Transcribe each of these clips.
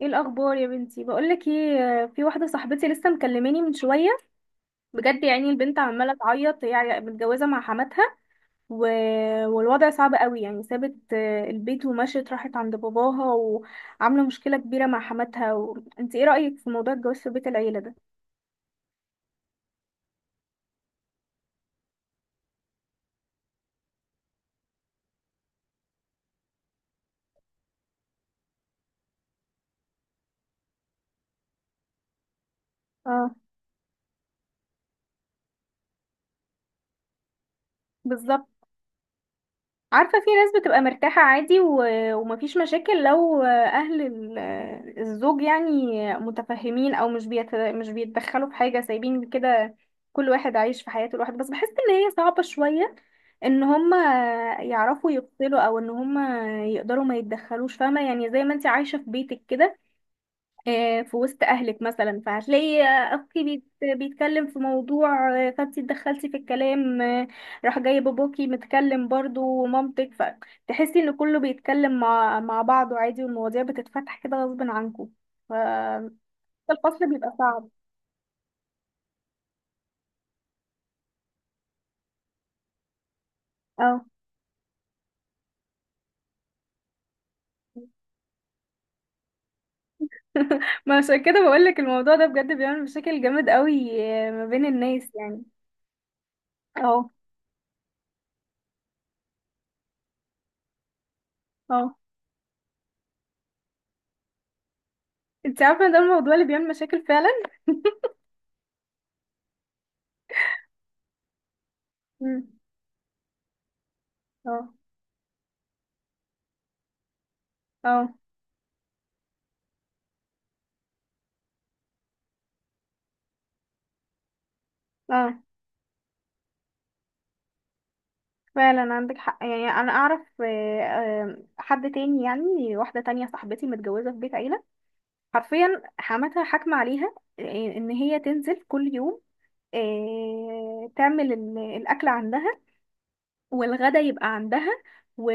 ايه الاخبار يا بنتي؟ بقولك ايه، في واحده صاحبتي لسه مكلماني من شويه. بجد يعني، البنت عماله تعيط، هي متجوزه مع حماتها. و... والوضع صعب قوي، يعني سابت البيت ومشيت، راحت عند باباها وعامله مشكله كبيره مع حماتها انت ايه رايك في موضوع الجواز في بيت العيله ده؟ اه، بالظبط. عارفة، في ناس بتبقى مرتاحة عادي ومفيش مشاكل لو أهل الزوج يعني متفهمين، أو مش بيتدخلوا في حاجة، سايبين كده، كل واحد عايش في حياته لوحده. بس بحس إن هي صعبة شوية، إن هما يعرفوا يفصلوا، أو إن هما يقدروا ما يتدخلوش. فاهمة يعني؟ زي ما انت عايشة في بيتك كده، في وسط اهلك مثلا، فهتلاقي اخوكي بيتكلم في موضوع، فانت اتدخلتي في الكلام، راح جاي باباكي متكلم برضو ومامتك، فتحسي ان كله بيتكلم مع بعضه عادي، والمواضيع بتتفتح كده غصب عنكم، فالفصل بيبقى صعب. اه. ما عشان كده بقولك الموضوع ده بجد بيعمل مشاكل جامد قوي، ما بين الناس يعني. اه. اه. انت عارفه إن ده الموضوع اللي بيعمل مشاكل فعلا. مم. اه. اه. اه. فعلا عندك حق، يعني انا اعرف، حد تاني، يعني واحده تانية صاحبتي متجوزه في بيت عيله، حرفيا حماتها حاكمه عليها، ان هي تنزل كل يوم، تعمل الاكل عندها، والغدا يبقى عندها، و...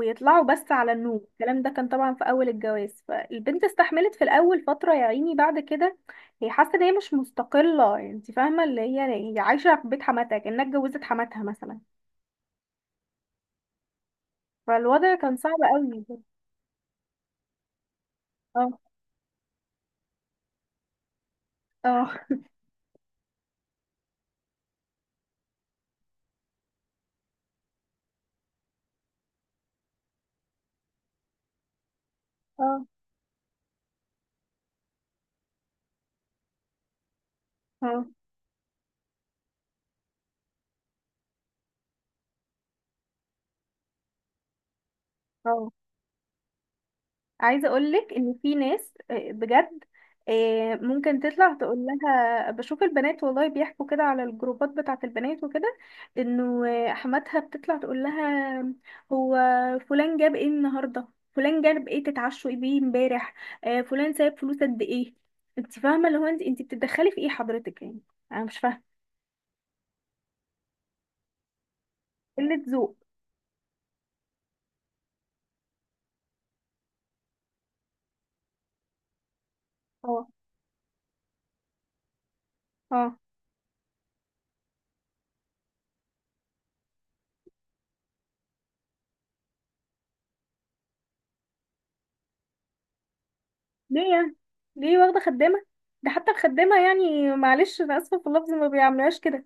ويطلعوا بس على النوم. الكلام ده كان طبعا في اول الجواز، فالبنت استحملت في الاول فتره، يا عيني بعد كده هي حاسه ان هي مش مستقله. انت فاهمه؟ اللي هي هي عايشه في بيت حماتها كانها اتجوزت حماتها مثلا. فالوضع كان صعب قوي. اه. اه. اه. اه. اه. عايزه اقول لك ان في ناس، بجد، ممكن تطلع تقول لها بشوف البنات، والله بيحكوا كده على الجروبات بتاعه البنات وكده، انه حماتها بتطلع تقول لها: هو فلان جاب ايه النهارده؟ فلان جاب ايه؟ تتعشوا ايه بيه امبارح؟ فلان سايب فلوس قد ايه؟ انت فاهمه؟ اللي هو انت بتتدخلي في ايه حضرتك يعني؟ انا مش فاهمه. قله ذوق. اه. اه. ليه يعني؟ ليه، واخدة خدامة؟ ده حتى الخدامة يعني، معلش أنا آسفة في اللفظ، ما بيعملوهاش كده.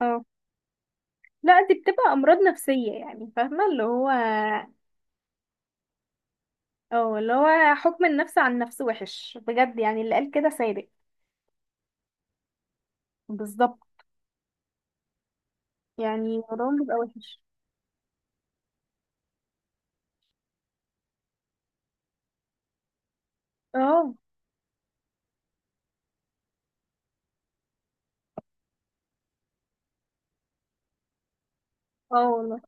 اه. لا، دي بتبقى أمراض نفسية، يعني فاهمة اللي هو. اه، اللي هو حكم النفس عن النفس وحش بجد، يعني اللي قال كده صادق. بالظبط. يعني الموضوع بيبقى وحش. اه. اه والله.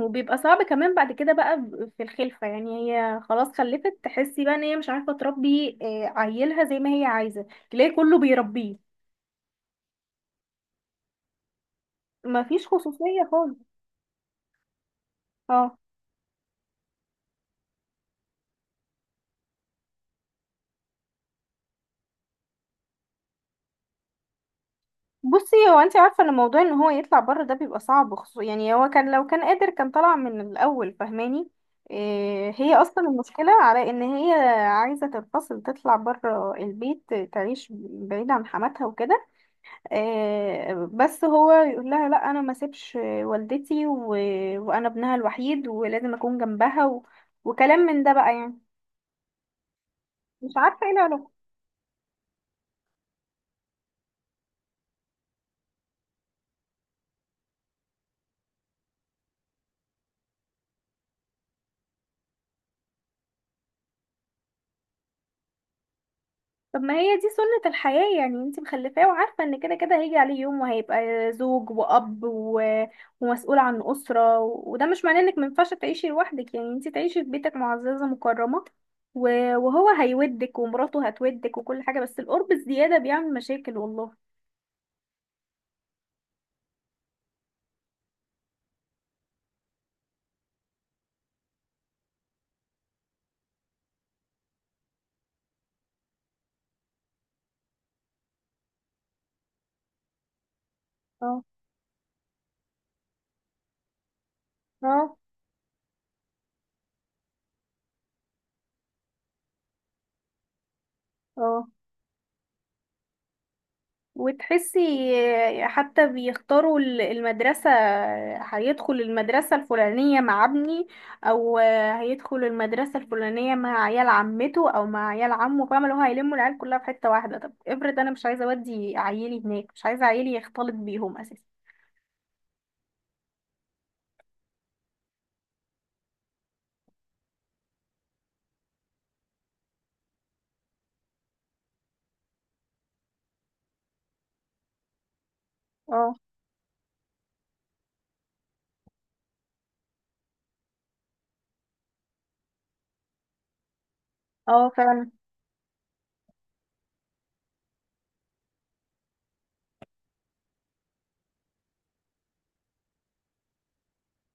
وبيبقى صعب كمان بعد كده بقى، في الخلفة، يعني هي خلاص خلفت، تحسي بقى ان هي مش عارفة تربي، عيلها زي ما هي عايزة، تلاقي كله بيربيه. مفيش خصوصية خالص. اه. بصي، هو انت عارفه ان موضوع ان هو يطلع بره ده بيبقى صعب خصوصا، يعني هو كان لو كان قادر كان طلع من الاول، فاهماني؟ إيه هي اصلا المشكله، على ان هي عايزه تنفصل، تطلع بره البيت، تعيش بعيد عن حماتها وكده. إيه بس هو يقول لها: لا، انا ما سيبش والدتي، وانا ابنها الوحيد، ولازم اكون جنبها، وكلام من ده بقى يعني. مش عارفه ايه العلاقه. طب ما هي دي سنة الحياة، يعني انت مخلفاه، وعارفة ان كده كده هيجي عليه يوم وهيبقى زوج وأب، ومسؤول عن أسرة. وده مش معناه انك مينفعش تعيشي لوحدك، يعني انت تعيشي في بيتك معززة مكرمة و... وهو هيودك، ومراته هتودك، وكل حاجة. بس القرب الزيادة بيعمل مشاكل، والله. اه. اه. اه. وتحسي حتى بيختاروا المدرسة، هيدخل المدرسة الفلانية مع ابني، أو هيدخل المدرسة الفلانية مع عيال عمته، أو مع عيال عمه. فاهمة اللي هو هيلموا العيال كلها في حتة واحدة؟ طب افرض أنا مش عايزة أودي عيالي هناك، مش عايزة عيالي يختلط بيهم أساسا. اه. اه فعلا.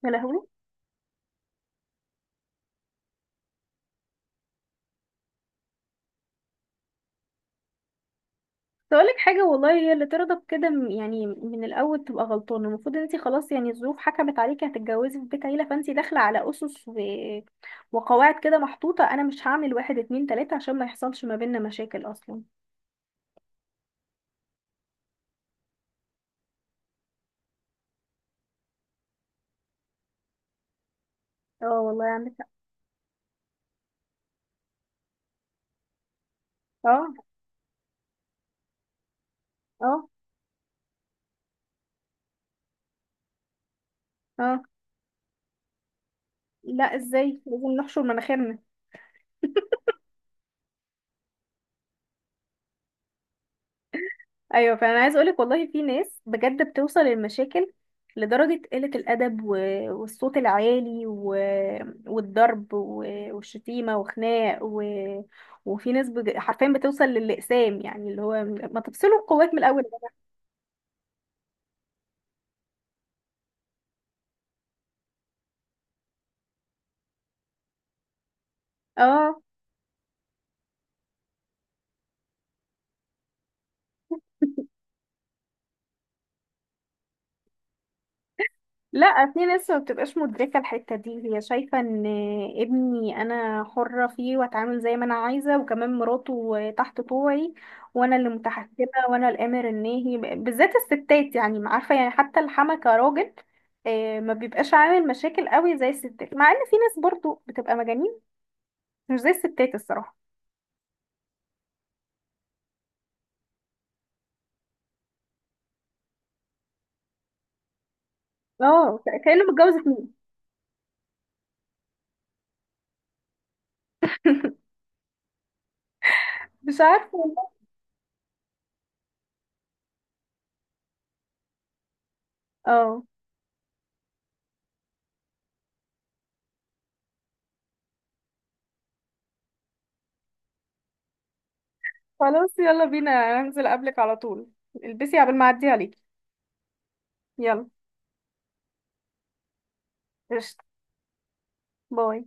يا لهوي. تقولك حاجة والله، هي اللي ترضى بكده، يعني من الأول تبقى غلطانة. المفروض ان انتي خلاص يعني، الظروف حكمت عليكي هتتجوزي في بيت عيلة، فانتي داخلة على أسس، وقواعد كده محطوطة، أنا مش هعمل واحد اتنين تلاتة، عشان ما يحصلش ما بيننا مشاكل أصلا. اه والله عندك حق. اه. اه. اه. لا، ازاي؟ لازم نحشر مناخيرنا. ايوه، فانا عايز اقولك والله في ناس بجد بتوصل للمشاكل، لدرجة قلة الأدب، والصوت العالي، والضرب، والشتيمة، وخناق، وفي ناس حرفيا بتوصل للإقسام، يعني اللي هو ما تفصلوا القوات من الأول. اه. لا، في ناس ما بتبقاش مدركة الحتة دي. هي شايفة ان ابني انا حرة فيه، واتعامل زي ما انا عايزة، وكمان مراته تحت طوعي، وانا اللي متحكمة، وانا الامر الناهي. بالذات الستات، يعني ما عارفة، يعني حتى الحما كراجل ما بيبقاش عامل مشاكل قوي زي الستات، مع ان في ناس برضو بتبقى مجانين، مش زي الستات الصراحة. اه، كأنه متجوز اتنين. مش عارفة والله. اه. خلاص، يلا بينا، هنزل قبلك على طول، البسي قبل ما اعدي عليكي. يلا. قشطة. باي.